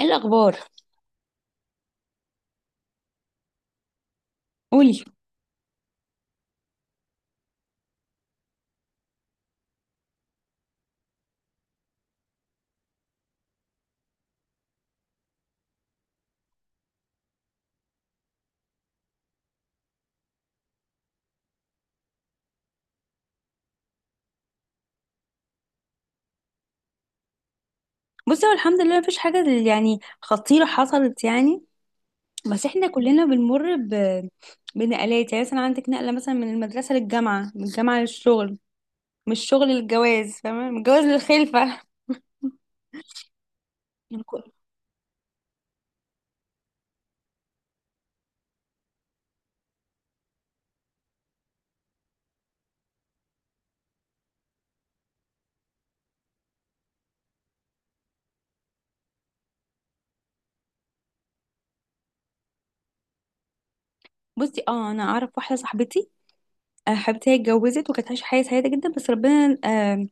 ايه الاخبار؟ قولي. بصي، هو الحمد لله مفيش حاجه يعني خطيره حصلت، يعني. بس احنا كلنا بنمر بنقلات. يعني مثلا عندك نقله، مثلا من المدرسه للجامعه، من الجامعه للشغل، من الشغل للجواز، فاهمه، من الجواز للخلفه. يعني كل- بصي، اه انا اعرف واحده صاحبتي حبيبتي، هي اتجوزت وكانت عايشه حياه سعيده جدا، بس ربنا آه،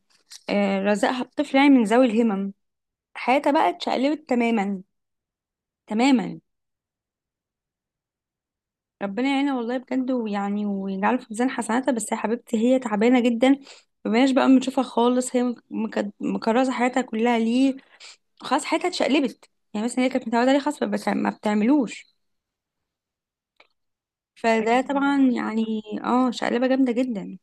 آه، رزقها بطفل يعني من ذوي الهمم. حياتها بقى اتشقلبت تماما، تماما. ربنا يعينها والله، بجد، ويعني ويجعله في ميزان حسناتها، بس يا حبيبتي هي تعبانه جدا. مبقناش بقى بنشوفها خالص، هي مكرسه حياتها كلها ليه. خلاص، حياتها اتشقلبت. يعني مثلا هي كانت متعوده عليه، خلاص ما بتعملوش. فده أكيد طبعا، يعني اه، شقلبه جامده جدا.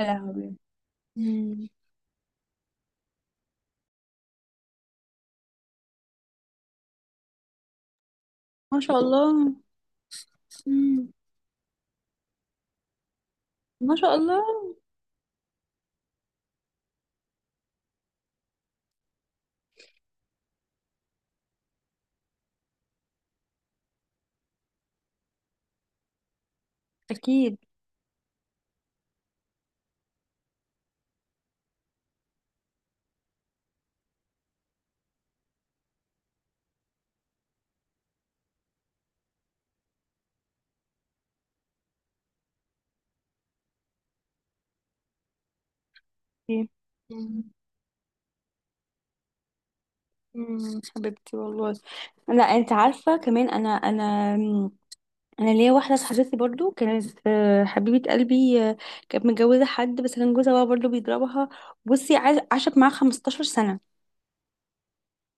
يا لهوي. مم. ما شاء الله. مم. ما شاء الله. اكيد. مم. مم. حبيبتي، والله. لا، انت عارفه كمان، انا ليا واحده صاحبتي برضو، كانت حبيبه قلبي، كانت متجوزه حد، بس كان جوزها بقى برضو بيضربها. بصي عاشت معاه 15 سنه.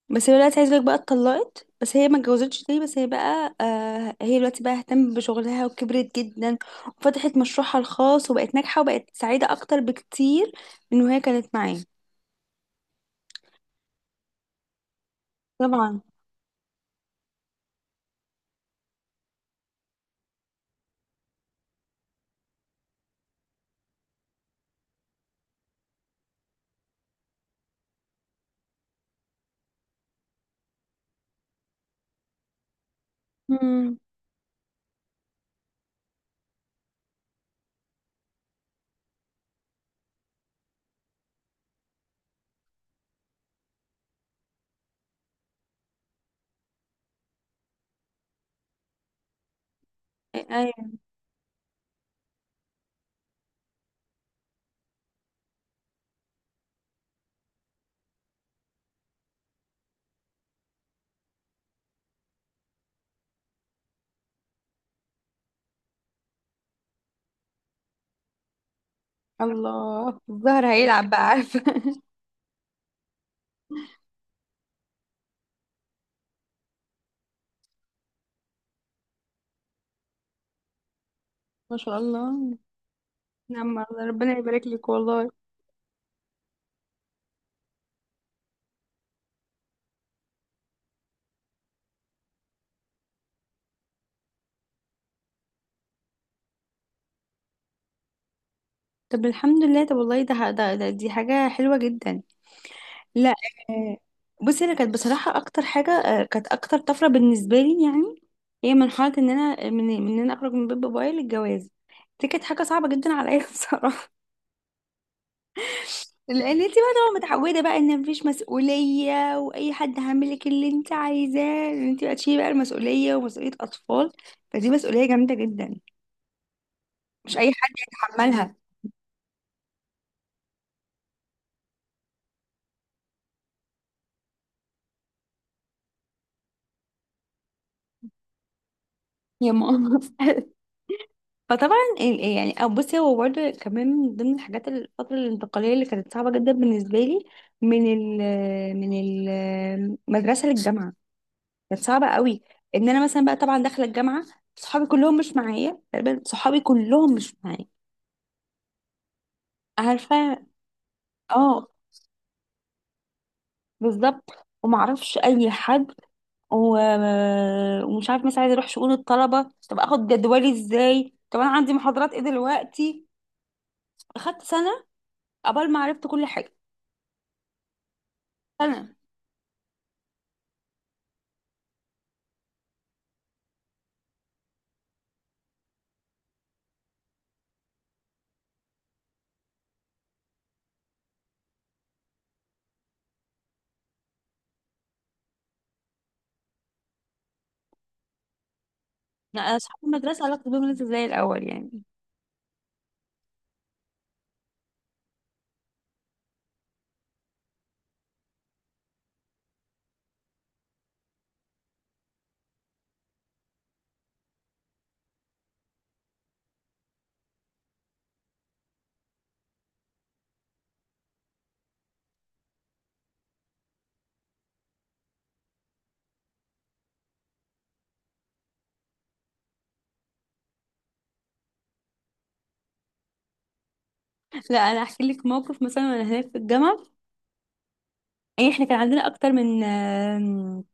بس هي دلوقتي عايزه لك بقى، اتطلقت، بس هي ما اتجوزتش تاني، بس هي بقى هي دلوقتي بقى اهتمت بشغلها وكبرت جدا، وفتحت مشروعها الخاص وبقت ناجحه وبقت سعيده اكتر بكتير من وهي كانت معاه. طبعا. امم. ايوه. الله، الظهر هيلعب بقى، عارفه. ما شاء الله. نعم الله، ربنا يبارك لك والله. طب الحمد لله. طب والله ده ده ده دي حاجة حلوة جدا. لا. بصي، انا كانت بصراحة اكتر حاجة كانت اكتر طفرة بالنسبة لي، يعني هي مرحلة ان انا اخرج من بيت بابايا للجواز. دي كانت حاجة صعبة جدا عليا بصراحة. لان انت بقى طبعا متعودة بقى ان مفيش مسؤولية، واي حد هيعمل لك اللي انت عايزاه، ان انت بقى تشيلي بقى المسؤولية، ومسؤولية اطفال. فدي مسؤولية جامدة جدا، مش اي حد يتحملها. يا ماما. فطبعا يعني أو بصي، هو برضه كمان من ضمن الحاجات، الفترة الانتقالية اللي كانت صعبة جدا بالنسبة لي، من ال من المدرسة للجامعة، كانت صعبة قوي. ان انا مثلا بقى طبعا داخلة الجامعة، صحابي كلهم مش معايا، تقريبا صحابي كلهم مش معايا، عارفة. اه، بالظبط. ومعرفش اي حد، ومش عارف، مثلا عايزة اروح شؤون الطلبة، طب اخد جدولي ازاي، طب انا عندي محاضرات ايه دلوقتي. اخدت سنة قبل ما عرفت كل حاجة، سنة. لا، اصحاب المدرسه علاقتي بيهم لسه زي الاول يعني. لا انا احكي لك موقف مثلا وانا هناك في الجامعه. يعني احنا كان عندنا اكتر من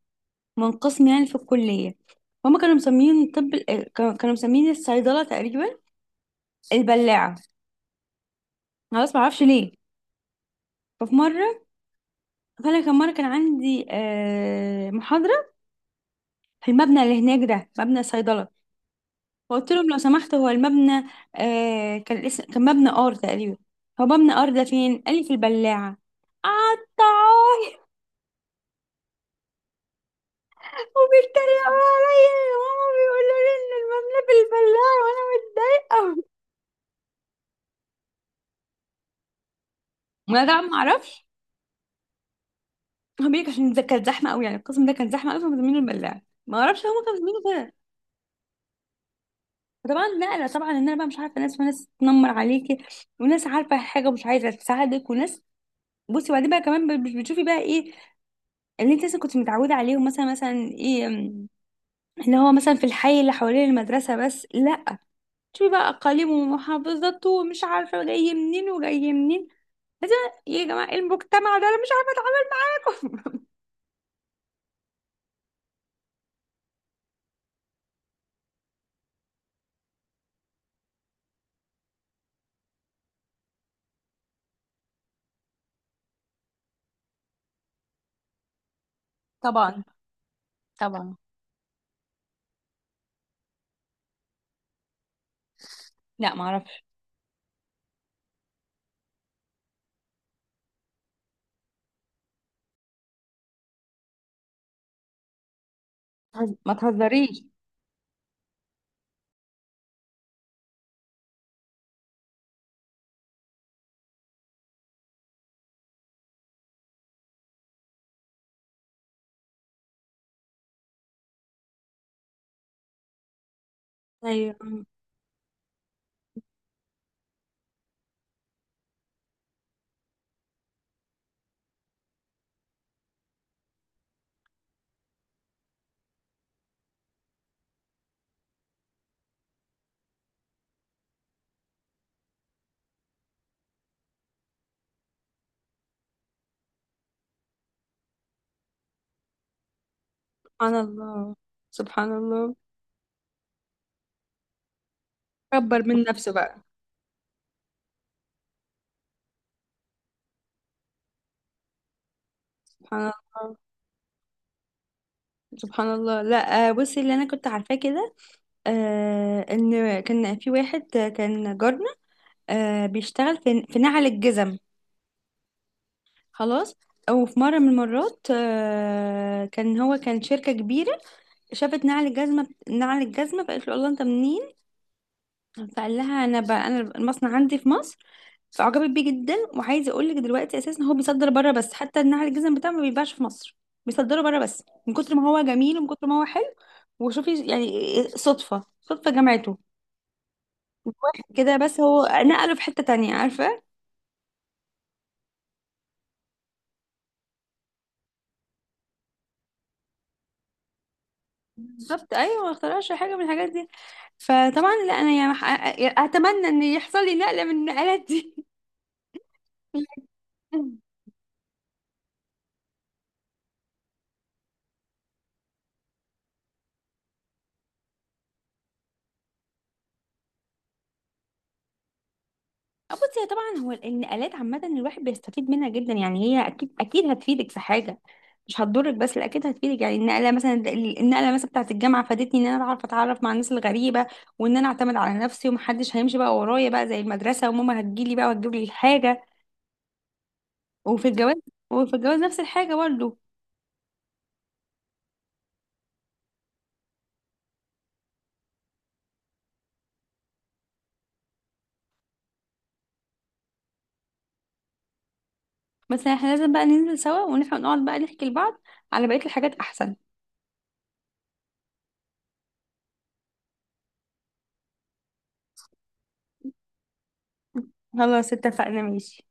من قسم يعني في الكليه. هما كانوا مسمين، كانوا مسمين الصيدله تقريبا البلاعه، خلاص ما اعرفش ليه. ففي مره، فانا كان مره كان عندي محاضره في المبنى اللي هناك ده، مبنى الصيدله. فقلت لهم لو سمحت هو المبنى كان الاسم، كان مبنى ار تقريبا. هو مبنى ار ده فين؟ قال لي في البلاعه. قعدت وبيتريقوا عليا، وماما بيقولوا لي ان المبنى بالبلال وانا متضايقه، وانا طبعا ما اعرفش. هو بيقولك عشان ده كان زحمه قوي، يعني القسم ده كان زحمه قوي، فكانوا مسمينه البلاع، ما اعرفش هما كانوا مسمينه كده. فطبعا نقله، طبعا ان انا بقى مش عارفه ناس، وناس تنمر عليكي، وناس عارفه حاجه ومش عايزه تساعدك، وناس. بصي، وبعدين بقى كمان بتشوفي بقى ايه اللي انت مثلا كنت متعوده عليهم، مثلا مثلا ايه م، اللي هو مثلا في الحي اللي حوالين المدرسه بس، لا. شوفي بقى اقاليم ومحافظات ومش عارفه جاي منين وجاي منين. لازم. يا جماعة المجتمع ده أنا مش عارفة أتعلم. طبعا. طبعا. لا، ما اعرفش. ما تهزريش. أيوة. سبحان الله. سبحان الله. كبر من نفسه بقى. سبحان الله. سبحان الله. لا، بصي اللي أنا كنت عارفاه كده، ان كان في واحد كان جارنا، بيشتغل في نعل الجزم. خلاص. او في مره من المرات، كان هو كان شركه كبيره شافت نعل الجزمه، نعل الجزمه، فقالت له الله، انت منين؟ فقال لها انا بقى، انا المصنع عندي في مصر. فعجبت بيه جدا. وعايزه اقول لك دلوقتي اساسا هو بيصدر بره، بس حتى النعل الجزم بتاعه ما بيباعش في مصر، بيصدره بره بس من كتر ما هو جميل ومن كتر ما هو حلو. وشوفي يعني صدفه، صدفه جمعته كده، بس هو نقله في حته تانية، عارفه. بالظبط، ايوه. ما اخترعش حاجه من الحاجات دي. فطبعا لا انا يعني اتمنى ان يحصل لي نقله من النقلات دي. بصي هي طبعا، هو النقلات عامة الواحد بيستفيد منها جدا. يعني هي أكيد أكيد هتفيدك في حاجة، مش هتضرك، بس لا، أكيد هتفيدك. يعني النقلة مثلا، بتاعة الجامعة فادتني إن أنا أعرف أتعرف مع الناس الغريبة، وإن أنا أعتمد على نفسي ومحدش هيمشي بقى ورايا بقى زي المدرسة وماما هتجيلي بقى وتجيب لي الحاجة. وفي الجواز وفي الجواز نفس الحاجة برضه. بس احنا لازم بقى ننزل سوا ونفهم، نقعد بقى نحكي لبعض على بقية الحاجات أحسن. خلاص اتفقنا، ماشي.